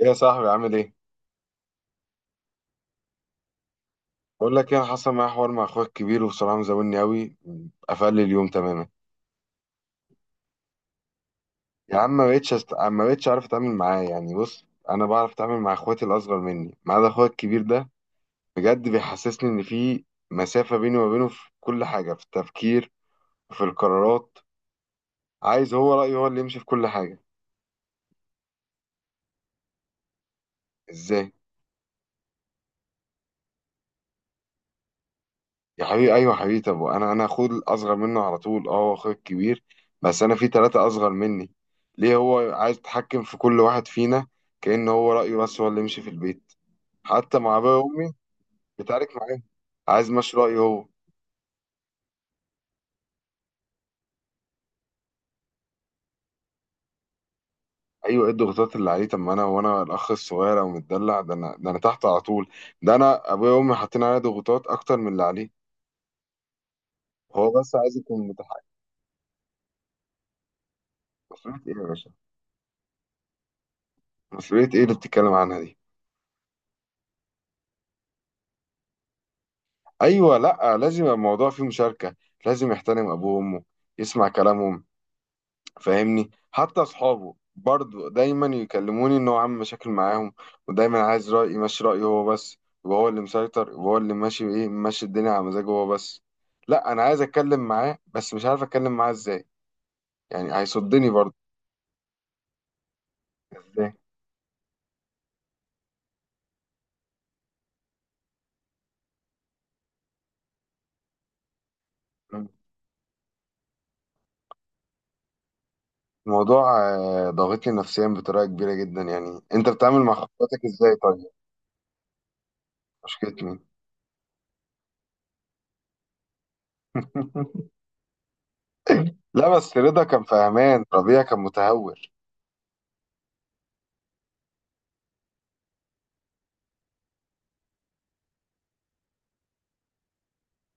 ايه يا صاحبي، عامل ايه؟ بقول لك ايه، انا حصل معايا حوار مع اخويا الكبير وبصراحه مزولني قوي. قفل لي اليوم تماما. يا عم، ما بقتش عارف اتعامل معاه. يعني بص، انا بعرف اتعامل مع اخواتي الاصغر مني ما عدا اخويا الكبير ده. بجد بيحسسني ان في مسافه بيني وما بينه، في كل حاجه، في التفكير، في القرارات. عايز هو رايه هو اللي يمشي في كل حاجه. ازاي؟ يا حبيبي ايوه، يا حبيبي، طب انا اخوه الاصغر منه على طول، اه، هو اخويا الكبير. بس انا في ثلاثه اصغر مني. ليه هو عايز يتحكم في كل واحد فينا؟ كأن هو رايه بس هو اللي يمشي في البيت. حتى مع ابويا وامي بيتعارك معاهم. عايز ماشي رايه هو. ايوه، ايه الضغوطات اللي عليه؟ طب ما انا وانا الاخ الصغير او متدلع، ده انا ده انا تحت على طول. ده انا ابويا وامي حاطين عليا ضغوطات اكتر من اللي عليه. هو بس عايز يكون متحكم. مسؤوليه ايه يا باشا؟ مسؤوليه ايه اللي بتتكلم عنها دي؟ ايوه، لا لازم يبقى الموضوع فيه مشاركه. لازم يحترم ابوه وامه، يسمع كلامهم. فاهمني، حتى اصحابه برضو دايما يكلموني ان هو عامل مشاكل معاهم. ودايما عايز رايي ماشي رايه هو بس. يبقى هو اللي مسيطر، يبقى هو اللي ماشي، ايه، ماشي الدنيا على مزاجه هو بس. لا، انا عايز اتكلم معاه بس مش عارف اتكلم معاه ازاي. يعني هيصدني برضو. ازاي؟ الموضوع ضاغطني نفسيا بطريقه كبيره جدا. يعني انت بتتعامل مع خطواتك ازاي طيب؟ مشكلتي مين؟ لا، بس رضا كان فهمان، ربيع كان متهور.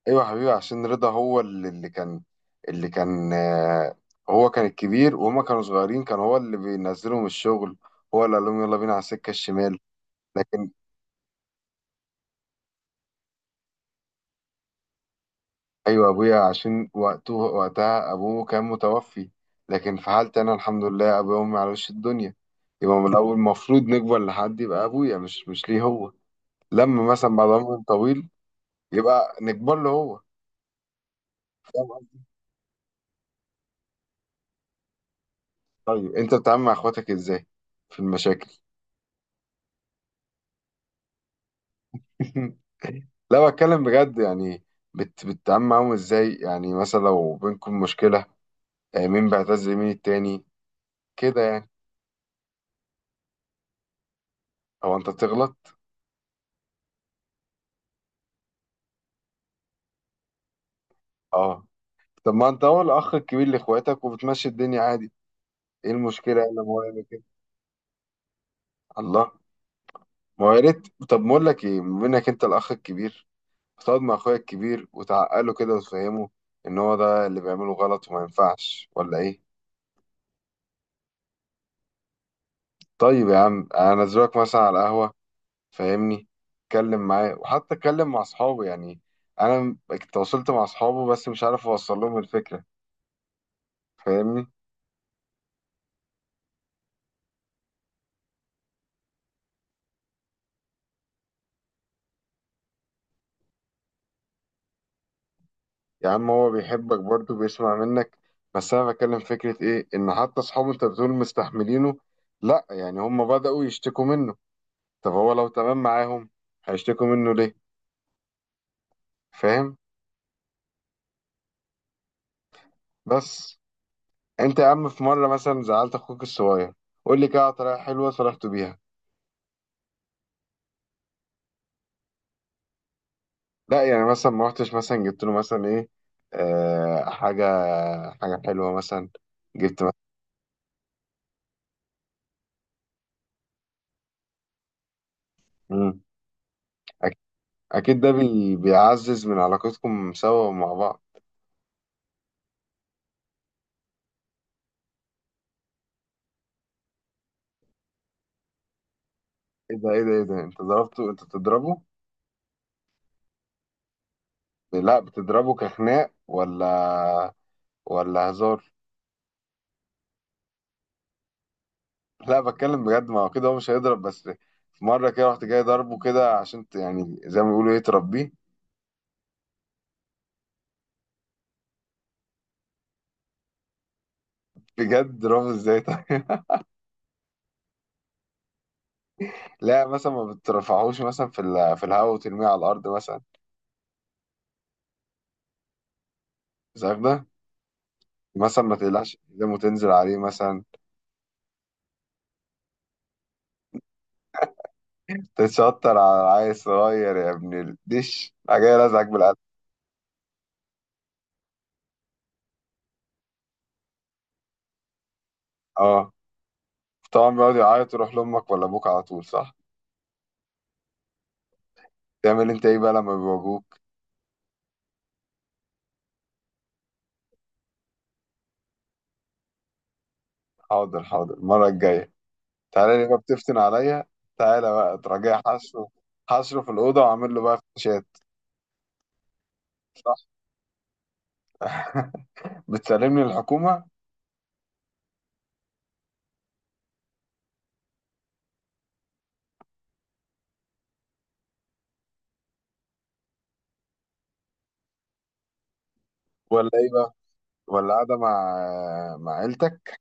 ايوه يا حبيبي، عشان رضا هو اللي كان، اللي كان، هو كان الكبير وهما كانوا صغيرين. كان هو اللي بينزلهم الشغل، هو اللي قال لهم يلا بينا على السكه الشمال. لكن ايوه، ابويا عشان وقته، وقتها ابوه كان متوفي. لكن في حالتي انا، الحمد لله، ابويا وامي على وش الدنيا. يبقى من الاول المفروض نكبر لحد يبقى ابويا مش ليه هو، لما مثلا بعد عمر طويل يبقى نكبر له. هو. طيب، انت بتتعامل مع اخواتك ازاي في المشاكل؟ لا، بتكلم بجد يعني. بتتعامل معاهم ازاي يعني؟ مثلا لو بينكم مشكلة، مين بيعتز مين التاني، كده يعني. او انت بتغلط؟ اه. طب ما انت هو الاخ الكبير لاخواتك وبتمشي الدنيا عادي، ايه المشكلة يعني لما هو يعمل كده؟ الله. ما هو يا ريت. طب ما اقول لك ايه، بما انك انت الاخ الكبير، تقعد مع اخويا الكبير وتعقله كده وتفهمه ان هو ده اللي بيعمله غلط وما ينفعش، ولا ايه؟ طيب يا عم، انزلك مثلا على قهوة، فاهمني، اتكلم معاه، وحتى اتكلم مع اصحابه يعني. انا تواصلت مع اصحابه بس مش عارف اوصل لهم الفكره، فاهمني. يا عم هو بيحبك برضه، بيسمع منك. بس انا بتكلم فكره ايه، ان حتى اصحابه انت بتقول مستحملينه. لا، يعني هم بداوا يشتكوا منه. طب هو لو تمام معاهم هيشتكوا منه ليه؟ فاهم. بس انت يا عم، في مره مثلا زعلت اخوك الصغير، قول لي كده على طريقه حلوه صلحته بيها. لا، يعني مثلا ما رحتش مثلا جبت له مثلا ايه، آه، حاجة حلوة مثلا، جبت مثلا. مم. أك- أكيد ده بيعزز من علاقتكم سوا ومع بعض. ايه ده ايه ده ايه ده، انت ضربته؟ انت بتضربه؟ لا، بتضربه كخناق ولا، ولا هزار؟ لا، بتكلم بجد. ما هو كده هو مش هيضرب، بس في مرة كده رحت جاي ضربه كده عشان يعني زي ما بيقولوا ايه، تربيه. بجد ضربه ازاي طيب؟ لا، مثلا ما بترفعهوش مثلا في الهواء وترميه على الأرض مثلا؟ مش عارف ده. مثلا ما تقلعش قدامه وتنزل عليه مثلا؟ تتشطر على العيل الصغير يا ابن الدش، راح جاي لازعك بالقلب. اه، طبعا بيقعد يعيط يروح لامك ولا ابوك على طول، صح؟ تعمل انت ايه بقى لما بيواجهوك؟ حاضر حاضر المره الجايه، تعالى لي بقى، بتفتن عليا. تعالى بقى تراجع حشره، حشره في الاوضه وعامل له بقى فتوشات. صح. بتسلمني الحكومه. ولا ايه بقى، ولا قاعده مع مع عيلتك؟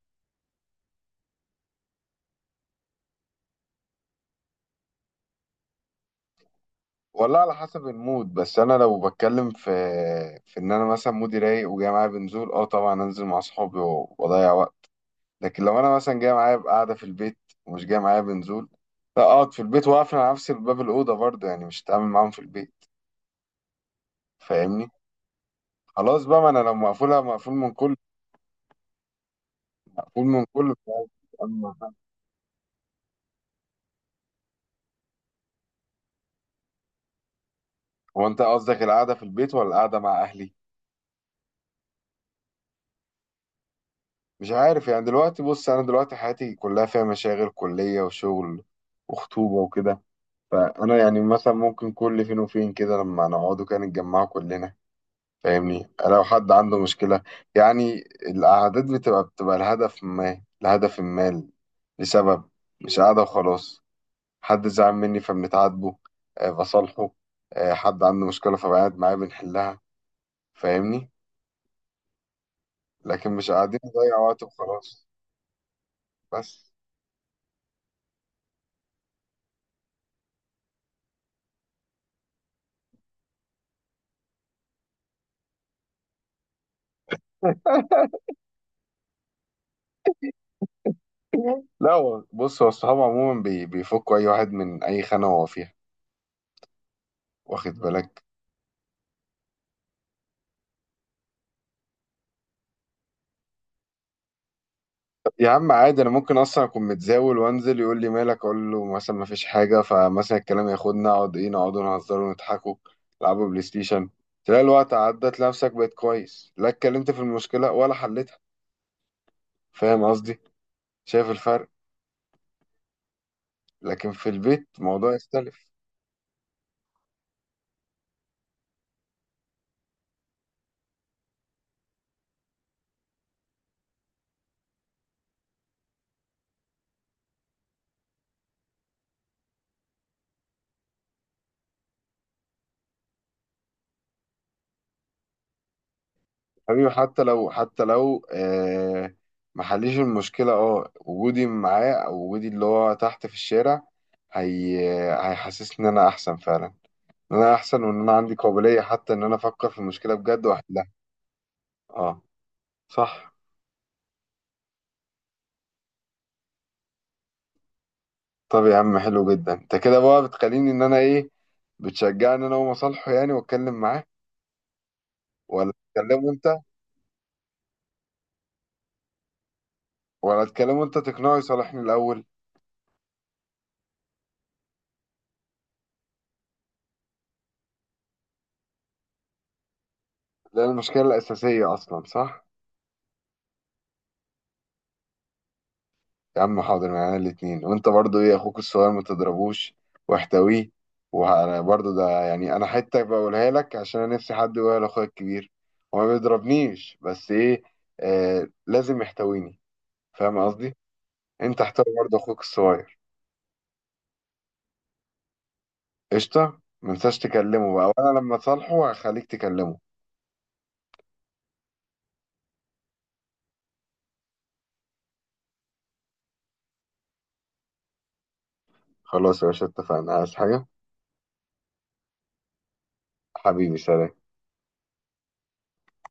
والله على حسب المود. بس انا لو بتكلم في في ان انا مثلا مودي رايق وجاي معايا بنزول، اه طبعا انزل مع اصحابي واضيع وقت. لكن لو انا مثلا جاي معايا قاعده في البيت ومش جاي معايا بنزول، لا اقعد في البيت واقفل على نفسي باب الاوضه. برضه يعني مش هتعامل معاهم في البيت، فاهمني. خلاص بقى، ما انا لو مقفولها، مقفول من كل، مش عارف أتعامل مع حد. هو انت قصدك القعده في البيت ولا القعده مع اهلي؟ مش عارف يعني. دلوقتي بص، انا دلوقتي حياتي كلها فيها مشاغل، كليه وشغل وخطوبه وكده. فانا يعني مثلا ممكن كل فين وفين كده لما نقعدوا كده نتجمعوا كلنا، فاهمني، لو حد عنده مشكله. يعني القعدات بتبقى لهدف ما، لهدف ما، لسبب، مش قاعده وخلاص. حد زعل مني فبنتعاتبه، بصالحه، حد عنده مشكله فبقعد معاه بنحلها، فاهمني. لكن مش قاعدين نضيع وقت وخلاص. بس. لا بص، هو الصحاب عموما بيفكوا اي واحد من اي خانه هو فيها، واخد بالك. يا عم عادي، انا ممكن اصلا اكون متزاول وانزل، يقول لي مالك، اقول له مثلا ما فيش حاجه، فمثلا الكلام ياخدنا، اقعد ايه، نقعدوا نهزروا ونضحكوا، نلعبوا بلاي ستيشن، تلاقي الوقت عدى، تلاقي نفسك بقيت كويس، لا اتكلمت في المشكله ولا حلتها. فاهم قصدي؟ شايف الفرق؟ لكن في البيت الموضوع يختلف. حبيبي، حتى لو ما حليش المشكله، اه، وجودي معاه او وجودي اللي هو تحت في الشارع، هي هيحسسني ان انا احسن فعلا. ان انا احسن وان انا عندي قابلية حتى ان انا افكر في المشكلة بجد واحلها. اه. صح. طب يا عم حلو جدا. انت كده بقى بتخليني ان انا ايه، بتشجعني انا ومصالحه، يعني واتكلم معاه. ولا تكلمه انت؟ ولا تكلمه انت تقنعه يصالحني الاول؟ ده المشكلة الاساسية اصلا، صح. يا عم حاضر، معانا الاتنين. وانت برضو ايه، اخوك الصغير ما تضربوش واحتويه. وانا برضو ده يعني، انا حتة بقولها لك عشان انا نفسي حد يقولها لاخويا الكبير. هو ما بيضربنيش بس ايه، آه، لازم يحتويني، فاهم قصدي. انت احترم برضه اخوك الصغير. قشطه، ما تنساش تكلمه بقى، وانا لما تصالحه هخليك تكلمه. خلاص يا باشا، اتفقنا. عايز حاجه؟ حبيبي، سلام.